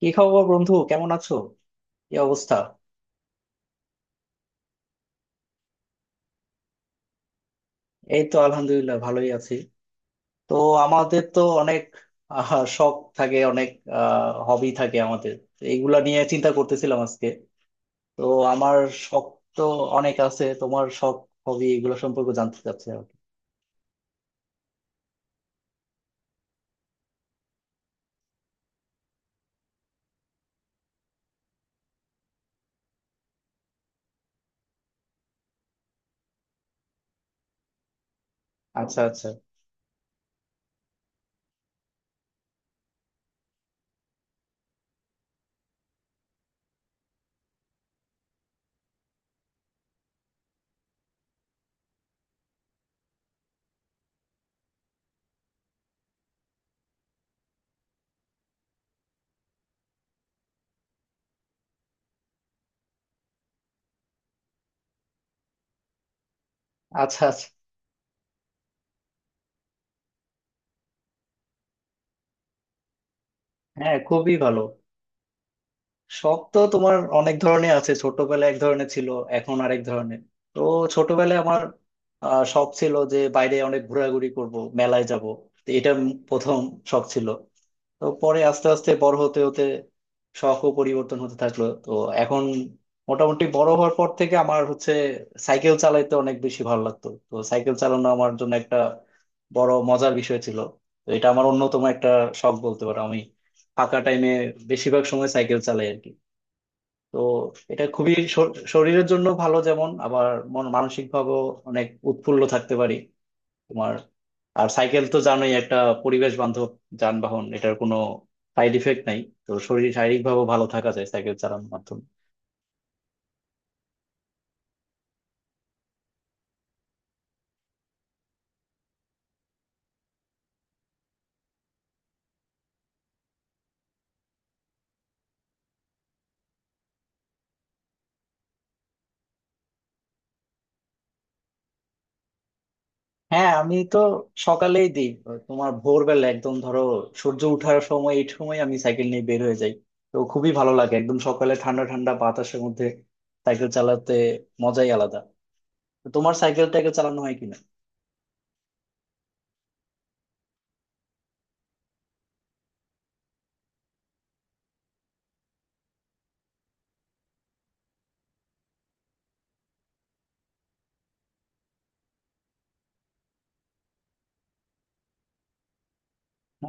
কি খবর বন্ধু কেমন আছো? কি অবস্থা? এই তো আলহামদুলিল্লাহ ভালোই আছি। তো আমাদের তো অনেক আহ, শখ থাকে, অনেক হবি থাকে আমাদের, তো এইগুলা নিয়ে চিন্তা করতেছিলাম আজকে। তো আমার শখ তো অনেক আছে, তোমার শখ হবি এগুলো সম্পর্কে জানতে চাচ্ছি আর কি। আচ্ছা আচ্ছা। আচ্ছা আচ্ছা। হ্যাঁ খুবই ভালো। শখ তো তোমার অনেক ধরনের আছে, ছোটবেলায় এক ধরনের ছিল, এখন আরেক ধরনের। তো ছোটবেলায় আমার শখ ছিল যে বাইরে অনেক ঘোরাঘুরি করব, মেলায় যাব। এটা প্রথম শখ ছিল। তো পরে আস্তে আস্তে বড় হতে হতে শখও পরিবর্তন হতে থাকলো। তো এখন মোটামুটি বড় হওয়ার পর থেকে আমার হচ্ছে সাইকেল চালাইতে অনেক বেশি ভালো লাগতো। তো সাইকেল চালানো আমার জন্য একটা বড় মজার বিষয় ছিল। তো এটা আমার অন্যতম একটা শখ বলতে পারো। আমি ফাঁকা টাইমে বেশিরভাগ সময় সাইকেল চালাই আর কি। তো এটা খুবই শরীরের জন্য ভালো, যেমন আবার মন মানসিক ভাবেও অনেক উৎফুল্ল থাকতে পারি তোমার। আর সাইকেল তো জানোই একটা পরিবেশ বান্ধব যানবাহন, এটার কোনো সাইড ইফেক্ট নাই। তো শরীর শারীরিক ভাবেও ভালো থাকা যায় সাইকেল চালানোর মাধ্যমে। হ্যাঁ আমি তো সকালেই দিই। তোমার ভোরবেলা একদম ধরো সূর্য ওঠার সময়, এই সময় আমি সাইকেল নিয়ে বের হয়ে যাই। তো খুবই ভালো লাগে একদম সকালে ঠান্ডা ঠান্ডা বাতাসের মধ্যে সাইকেল চালাতে, মজাই আলাদা। তো তোমার সাইকেল টাইকেল চালানো হয় কিনা?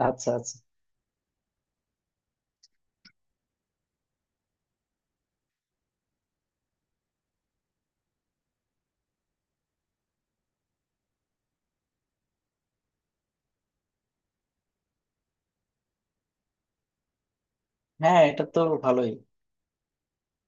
আচ্ছা আচ্ছা। হ্যাঁ এটা তো ভালোই।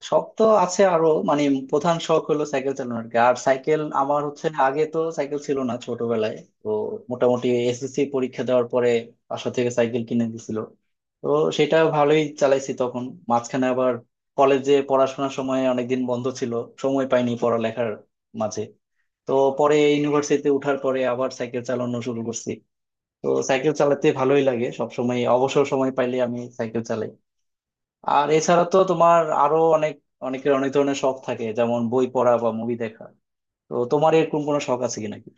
শখ তো আছে আরো, মানে প্রধান শখ হলো সাইকেল চালানো আর কি। আর সাইকেল আমার হচ্ছে, আগে তো সাইকেল ছিল না ছোটবেলায়। তো মোটামুটি এসএসসি পরীক্ষা দেওয়ার পরে বাসা থেকে সাইকেল কিনে দিছিল। তো সেটা ভালোই চালাইছি তখন। মাঝখানে আবার কলেজে পড়াশোনার সময় অনেকদিন বন্ধ ছিল, সময় পাইনি পড়ালেখার মাঝে। তো পরে ইউনিভার্সিটিতে উঠার পরে আবার সাইকেল চালানো শুরু করছি। তো সাইকেল চালাতে ভালোই লাগে, সব সময় অবসর সময় পাইলে আমি সাইকেল চালাই। আর এছাড়া তো তোমার আরো অনেক, অনেকের অনেক ধরনের শখ থাকে, যেমন বই পড়া বা মুভি দেখা। তো তোমার এরকম কোনো শখ আছে কি নাকি?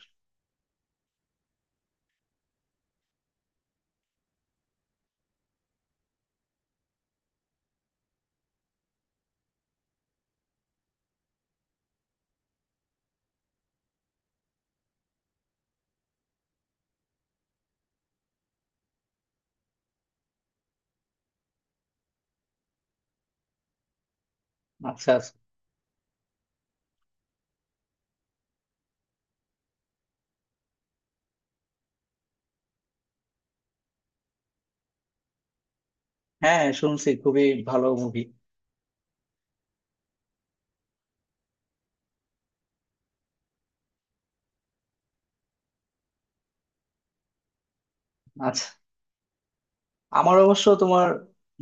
আচ্ছা আচ্ছা। হ্যাঁ শুনছি খুবই ভালো মুভি। আচ্ছা। আমার অবশ্য তোমার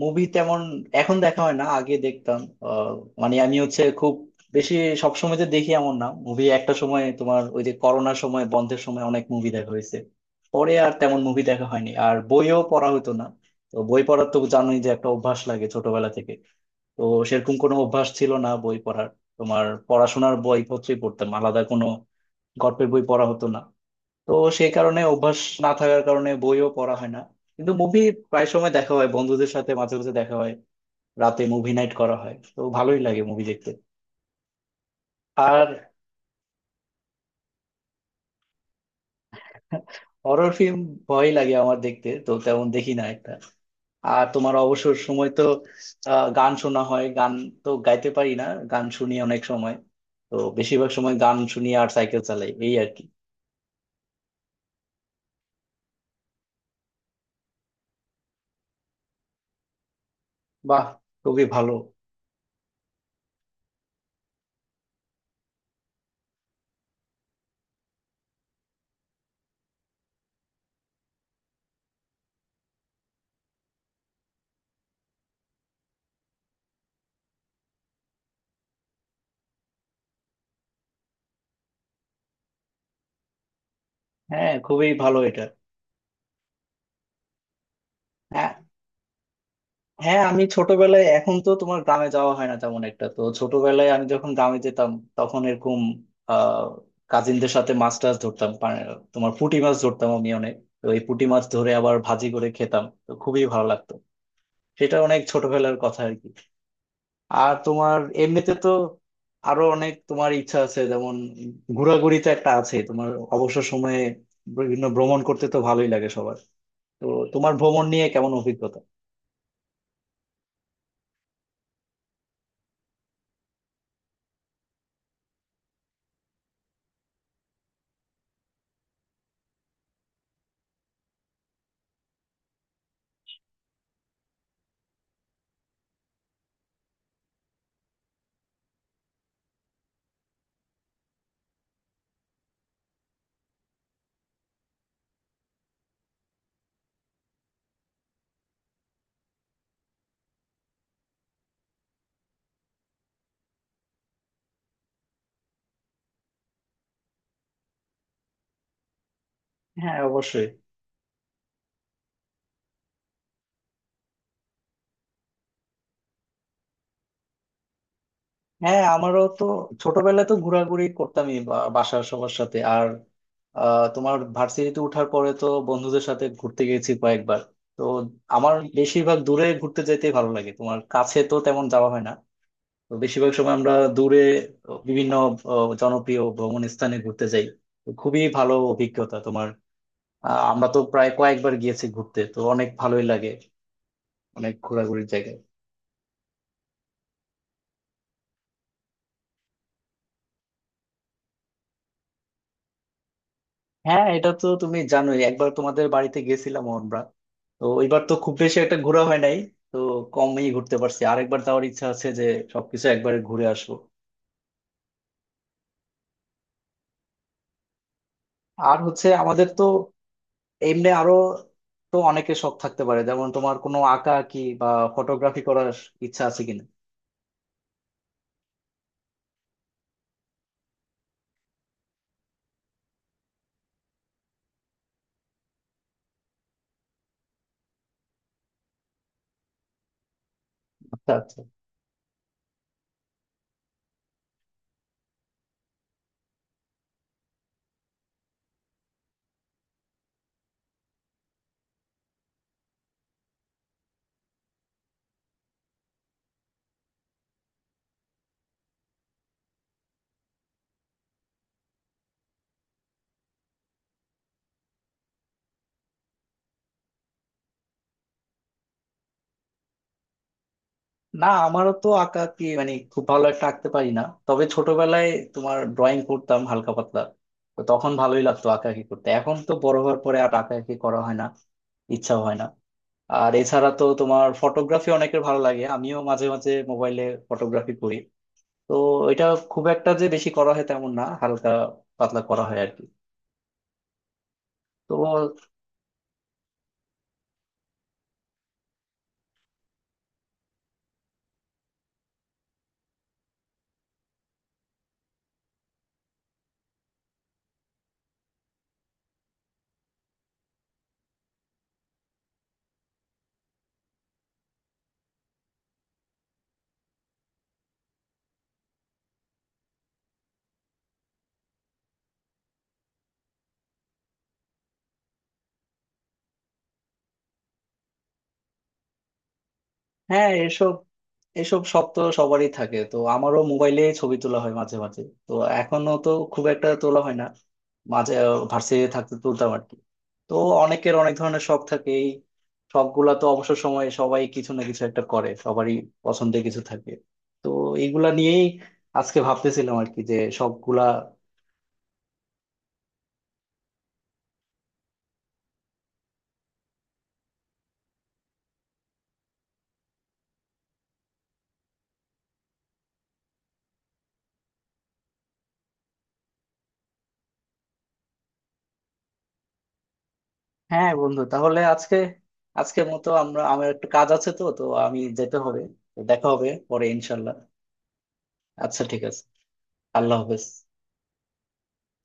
মুভি তেমন এখন দেখা হয় না, আগে দেখতাম। আহ, মানে আমি হচ্ছে খুব বেশি সবসময় যে দেখি এমন না মুভি। একটা সময় তোমার ওই যে করোনার সময় বন্ধের সময় অনেক মুভি দেখা হয়েছে, পরে আর তেমন মুভি দেখা হয়নি, আর বইও পড়া হতো না। তো বই পড়ার তো জানোই যে একটা অভ্যাস লাগে ছোটবেলা থেকে। তো সেরকম কোনো অভ্যাস ছিল না বই পড়ার। তোমার পড়াশোনার বইপত্রই পড়তাম, আলাদা কোনো গল্পের বই পড়া হতো না। তো সেই কারণে অভ্যাস না থাকার কারণে বইও পড়া হয় না। কিন্তু মুভি প্রায় সময় দেখা হয়, বন্ধুদের সাথে মাঝে মাঝে দেখা হয়, রাতে মুভি নাইট করা হয়। তো ভালোই লাগে মুভি দেখতে। আর হরর ফিল্ম ভয় লাগে আমার দেখতে, তো তেমন দেখি না একটা। আর তোমার অবসর সময় তো গান শোনা হয়, গান। তো গাইতে পারি না, গান শুনি অনেক সময়। তো বেশিরভাগ সময় গান শুনি আর সাইকেল চালাই, এই আর কি। বাহ, খুবই ভালো। হ্যাঁ খুবই ভালো এটা। হ্যাঁ। হ্যাঁ আমি ছোটবেলায়, এখন তো তোমার গ্রামে যাওয়া হয় না তেমন একটা, তো ছোটবেলায় আমি যখন গ্রামে যেতাম তখন এরকম আহ কাজিনদের সাথে মাছ টাছ ধরতাম। তোমার পুঁটি মাছ ধরতাম আমি অনেক। তো এই পুঁটি মাছ ধরে আবার ভাজি করে খেতাম, তো খুবই ভালো লাগতো। সেটা অনেক ছোটবেলার কথা আর কি। আর তোমার এমনিতে তো আরো অনেক তোমার ইচ্ছা আছে, যেমন ঘোরাঘুরি তো একটা আছে তোমার অবসর সময়ে। বিভিন্ন ভ্রমণ করতে তো ভালোই লাগে সবার। তো তোমার ভ্রমণ নিয়ে কেমন অভিজ্ঞতা? হ্যাঁ অবশ্যই। হ্যাঁ আমারও তো ছোটবেলায় তো ঘোরাঘুরি করতামই বাসার সবার সাথে। আর তোমার ভার্সিটিতে ওঠার পরে তো বন্ধুদের সাথে ঘুরতে গেছি কয়েকবার। তো আমার বেশিরভাগ দূরে ঘুরতে যেতে ভালো লাগে, তোমার কাছে তো তেমন যাওয়া হয় না। তো বেশিরভাগ সময় আমরা দূরে বিভিন্ন জনপ্রিয় ভ্রমণ স্থানে ঘুরতে যাই। তো খুবই ভালো অভিজ্ঞতা তোমার। আমরা তো প্রায় কয়েকবার গিয়েছি ঘুরতে, তো অনেক ভালোই লাগে, অনেক ঘোরাঘুরির জায়গা। হ্যাঁ এটা তো তুমি জানোই, একবার তোমাদের বাড়িতে গেছিলাম আমরা। তো এবার তো খুব বেশি একটা ঘোরা হয় নাই, তো কমই ঘুরতে পারছি। আর একবার যাওয়ার ইচ্ছা আছে যে সবকিছু একবারে ঘুরে আসবো। আর হচ্ছে আমাদের তো এমনি আরো, তো অনেকে শখ থাকতে পারে, যেমন তোমার কোনো আঁকা আঁকি বা ফটোগ্রাফি করার ইচ্ছা আছে কিনা? আচ্ছা আচ্ছা। না আমারও তো আঁকা আঁকি মানে খুব ভালো একটা আঁকতে পারি না। তবে ছোটবেলায় তোমার ড্রয়িং করতাম হালকা পাতলা। তো তখন ভালোই লাগতো আঁকাআঁকি করতে, এখন তো বড় হওয়ার পরে আর আঁকাআঁকি করা হয় না, ইচ্ছাও হয় না। আর এছাড়া তো তোমার ফটোগ্রাফি অনেকের ভালো লাগে, আমিও মাঝে মাঝে মোবাইলে ফটোগ্রাফি করি। তো এটা খুব একটা যে বেশি করা হয় তেমন না, হালকা পাতলা করা হয় আর কি। তো হ্যাঁ এসব এসব শখ তো সবারই থাকে। তো আমারও মোবাইলে ছবি তোলা হয় মাঝে মাঝে। তো এখনো তো খুব একটা তোলা হয় না, মাঝে ভার্সিটিতে থাকতে তুলতাম আর কি। তো অনেকের অনেক ধরনের শখ থাকে, এই শখ গুলা তো অবসর সময়ে সবাই কিছু না কিছু একটা করে, সবারই পছন্দের কিছু থাকে। তো এইগুলা নিয়েই আজকে ভাবতেছিলাম আর কি যে শখ গুলা। হ্যাঁ বন্ধু তাহলে আজকে, আজকের মতো আমরা, আমার একটু কাজ আছে তো, তো আমি যেতে হবে। তো দেখা হবে পরে ইনশাল্লাহ। আচ্ছা ঠিক আছে। আল্লাহ হাফেজ।